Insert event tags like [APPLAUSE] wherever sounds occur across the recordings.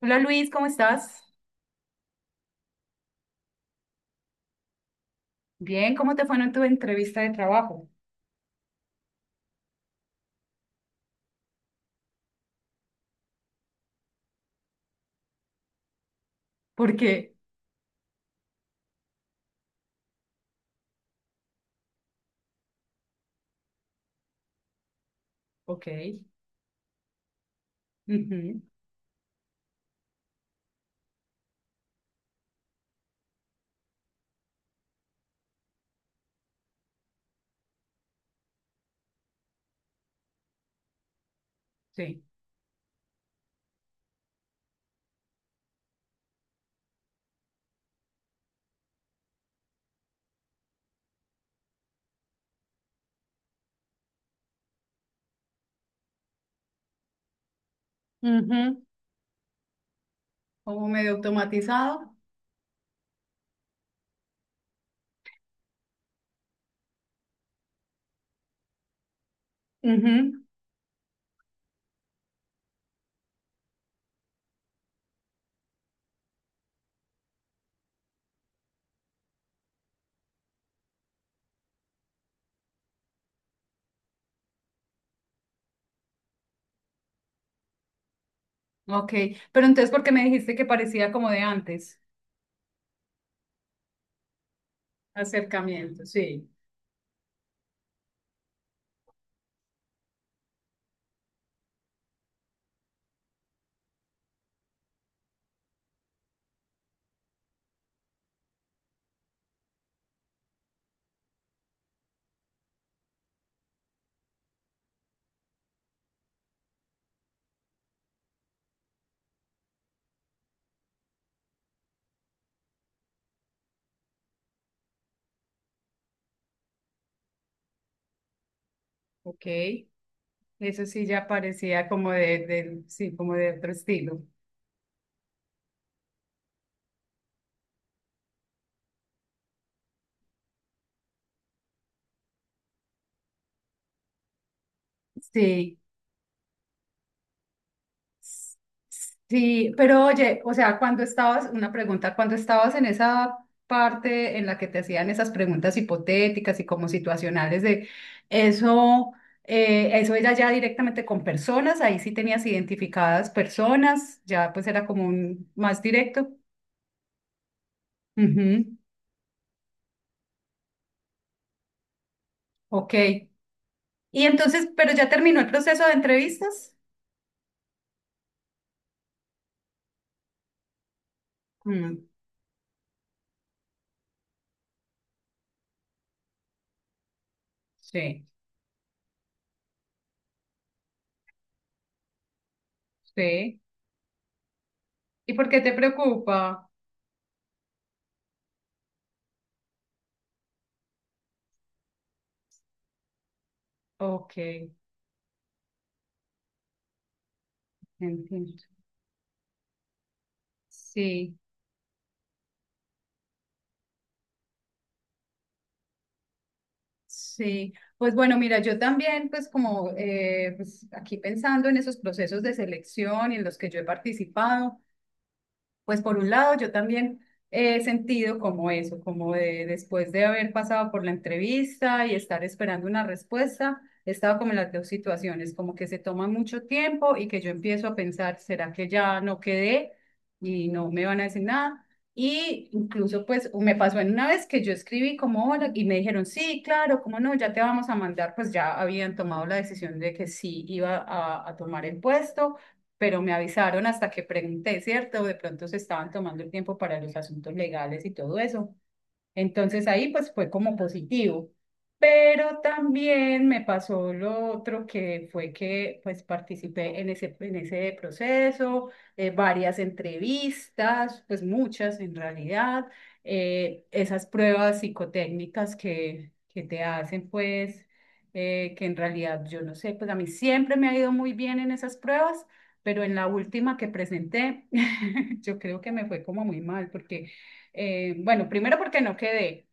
Hola Luis, ¿cómo estás? Bien, ¿cómo te fue en tu entrevista de trabajo? Porque, ok, ujú, sí, ujú, como medio automatizado, ujú, ok, pero entonces, ¿por qué me dijiste que parecía como de antes? Acercamiento, sí, ok, eso sí ya parecía como de, sí, como de otro estilo, sí. Sí, pero oye, o sea, cuando estabas, una pregunta, cuando estabas en esa parte en la que te hacían esas preguntas hipotéticas y como situacionales de eso, eso era ya directamente con personas, ahí sí tenías identificadas personas, ya pues era como un más directo. Ujú, ok. Y entonces, pero ya terminó el proceso de entrevistas. Mm, sí, sí. ¿Y por qué te preocupa? Ok, entiendo. Sí. Sí, pues bueno, mira, yo también, pues como pues, aquí pensando en esos procesos de selección y en los que yo he participado, pues por un lado, yo también he sentido como eso, como de después de haber pasado por la entrevista y estar esperando una respuesta, he estado como en las dos situaciones, como que se toma mucho tiempo y que yo empiezo a pensar, ¿será que ya no quedé y no me van a decir nada? Y incluso pues me pasó en una vez que yo escribí como hola y me dijeron, sí, claro, cómo no, ya te vamos a mandar, pues ya habían tomado la decisión de que sí iba a tomar el puesto, pero me avisaron hasta que pregunté, ¿cierto? De pronto se estaban tomando el tiempo para los asuntos legales y todo eso. Entonces ahí pues fue como positivo. Pero también me pasó lo otro que fue que pues participé en ese proceso, varias entrevistas, pues muchas en realidad, esas pruebas psicotécnicas que te hacen pues, que en realidad yo no sé, pues a mí siempre me ha ido muy bien en esas pruebas, pero en la última que presenté, [LAUGHS] yo creo que me fue como muy mal porque... bueno, primero porque no quedé,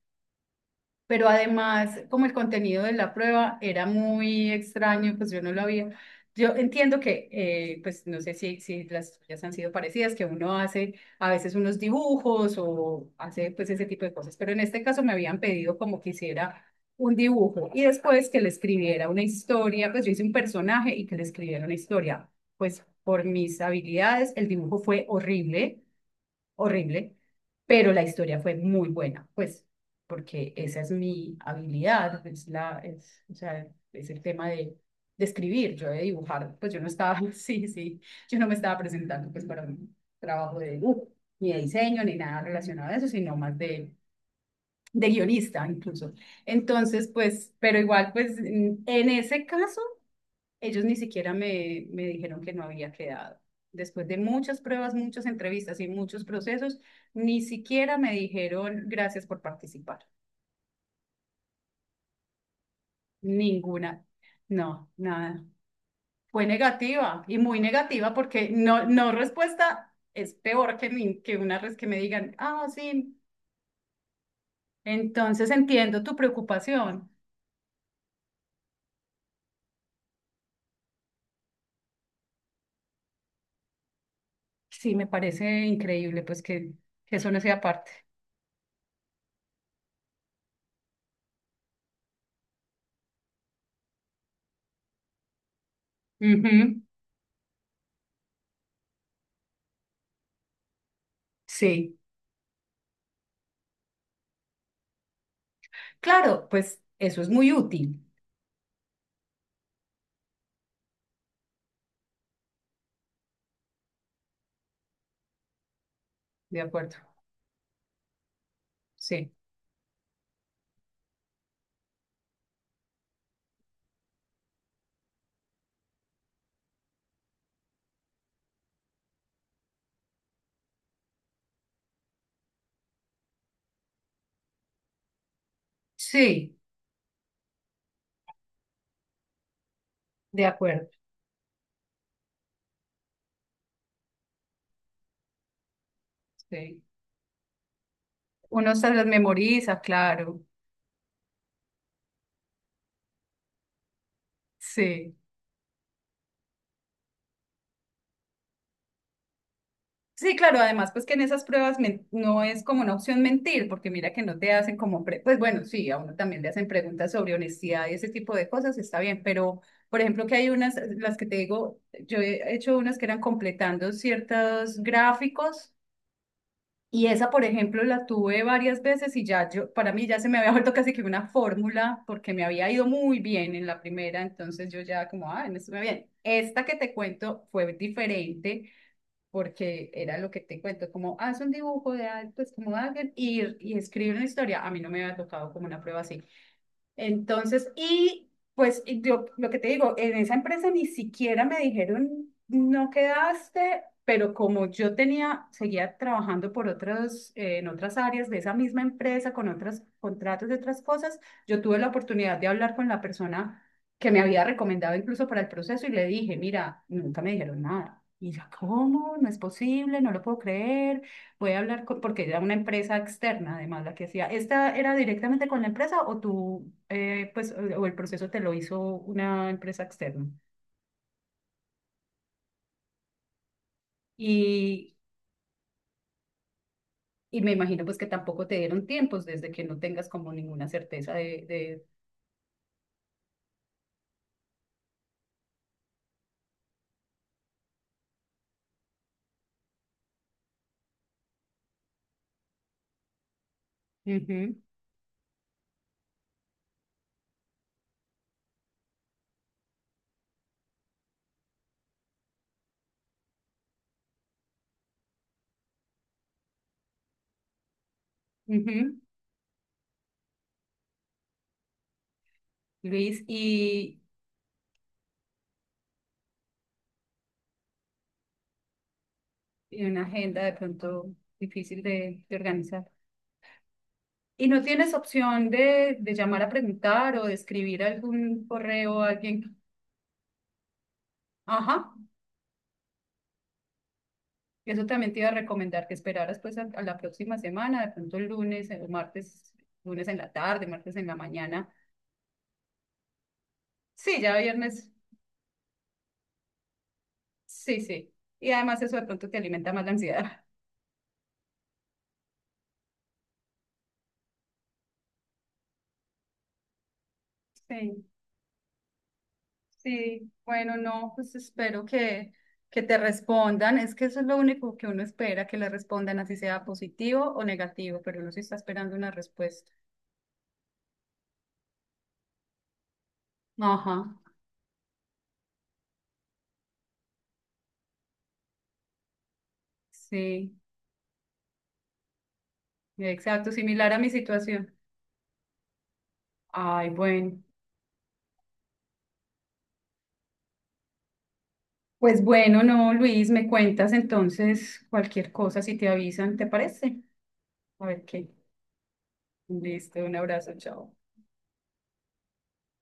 pero además como el contenido de la prueba era muy extraño, pues yo no lo había. Yo entiendo que, pues no sé si, si las tuyas han sido parecidas, que uno hace a veces unos dibujos o hace pues ese tipo de cosas, pero en este caso me habían pedido como que hiciera un dibujo y después que le escribiera una historia, pues yo hice un personaje y que le escribiera una historia. Pues por mis habilidades el dibujo fue horrible horrible, pero la historia fue muy buena, pues, porque esa es mi habilidad, es la, es, o sea, es el tema de escribir, yo de dibujar, pues yo no estaba, [LAUGHS] sí, sí, yo no me estaba presentando pues para un trabajo de dibujo, ni de diseño, ni nada relacionado a eso, sino más de guionista incluso. Entonces, pues, pero igual, pues, en ese caso ellos ni siquiera me, me dijeron que no había quedado. Después de muchas pruebas, muchas entrevistas y muchos procesos, ni siquiera me dijeron gracias por participar. Ninguna. No, nada. Fue negativa y muy negativa porque no, no respuesta es peor que, que una vez que me digan, ah, sí, entonces entiendo tu preocupación. Sí, me parece increíble pues que eso no sea parte. Ujú, sí. Claro, pues eso es muy útil. De acuerdo. Sí, sí, de acuerdo. Sí. Uno se las memoriza, claro. Sí. Sí, claro, además, pues que en esas pruebas no es como una opción mentir, porque mira que no te hacen como, pues bueno, sí, a uno también le hacen preguntas sobre honestidad y ese tipo de cosas, está bien, pero por ejemplo que hay unas, las que te digo, yo he hecho unas que eran completando ciertos gráficos. Y esa, por ejemplo, la tuve varias veces y ya yo, para mí ya se me había vuelto casi que una fórmula porque me había ido muy bien en la primera, entonces yo ya como, ah, me estuve bien. Esta que te cuento fue diferente porque era lo que te cuento, como haz un dibujo de algo, pues como alguien y escribe una historia. A mí no me había tocado como una prueba así. Entonces, y pues y yo lo que te digo, en esa empresa ni siquiera me dijeron, no quedaste, pero como yo tenía, seguía trabajando por otros, en otras áreas de esa misma empresa, con otros contratos de otras cosas, yo tuve la oportunidad de hablar con la persona que me había recomendado incluso para el proceso y le dije, mira, nunca me dijeron nada. Y ya, ¿cómo? No es posible, no lo puedo creer, puede hablar con, porque era una empresa externa, además, la que hacía. ¿Esta era directamente con la empresa o tú, pues, o el proceso te lo hizo una empresa externa? Y, y me imagino, pues, que tampoco te dieron tiempos desde que no tengas como ninguna certeza de... Ujú, ujú, Luis, y una agenda de pronto difícil de organizar. ¿Y no tienes opción de llamar a preguntar o de escribir algún correo a alguien? Ajá. Eso también te iba a recomendar que esperaras pues a la próxima semana, de pronto el lunes o martes, lunes en la tarde, martes en la mañana. Sí, ya viernes, sí, sí. Y además eso de pronto te alimenta más la ansiedad. [LAUGHS] Sí, sí, bueno, no, pues espero que te respondan. Es que eso es lo único que uno espera, que le respondan, así sea positivo o negativo, pero uno sí está esperando una respuesta. Ajá, sí, exacto, similar a mi situación. Ay, bueno. Pues bueno, no, Luis, me cuentas entonces cualquier cosa si te avisan, ¿te parece? A ver qué. Listo, un abrazo, chao.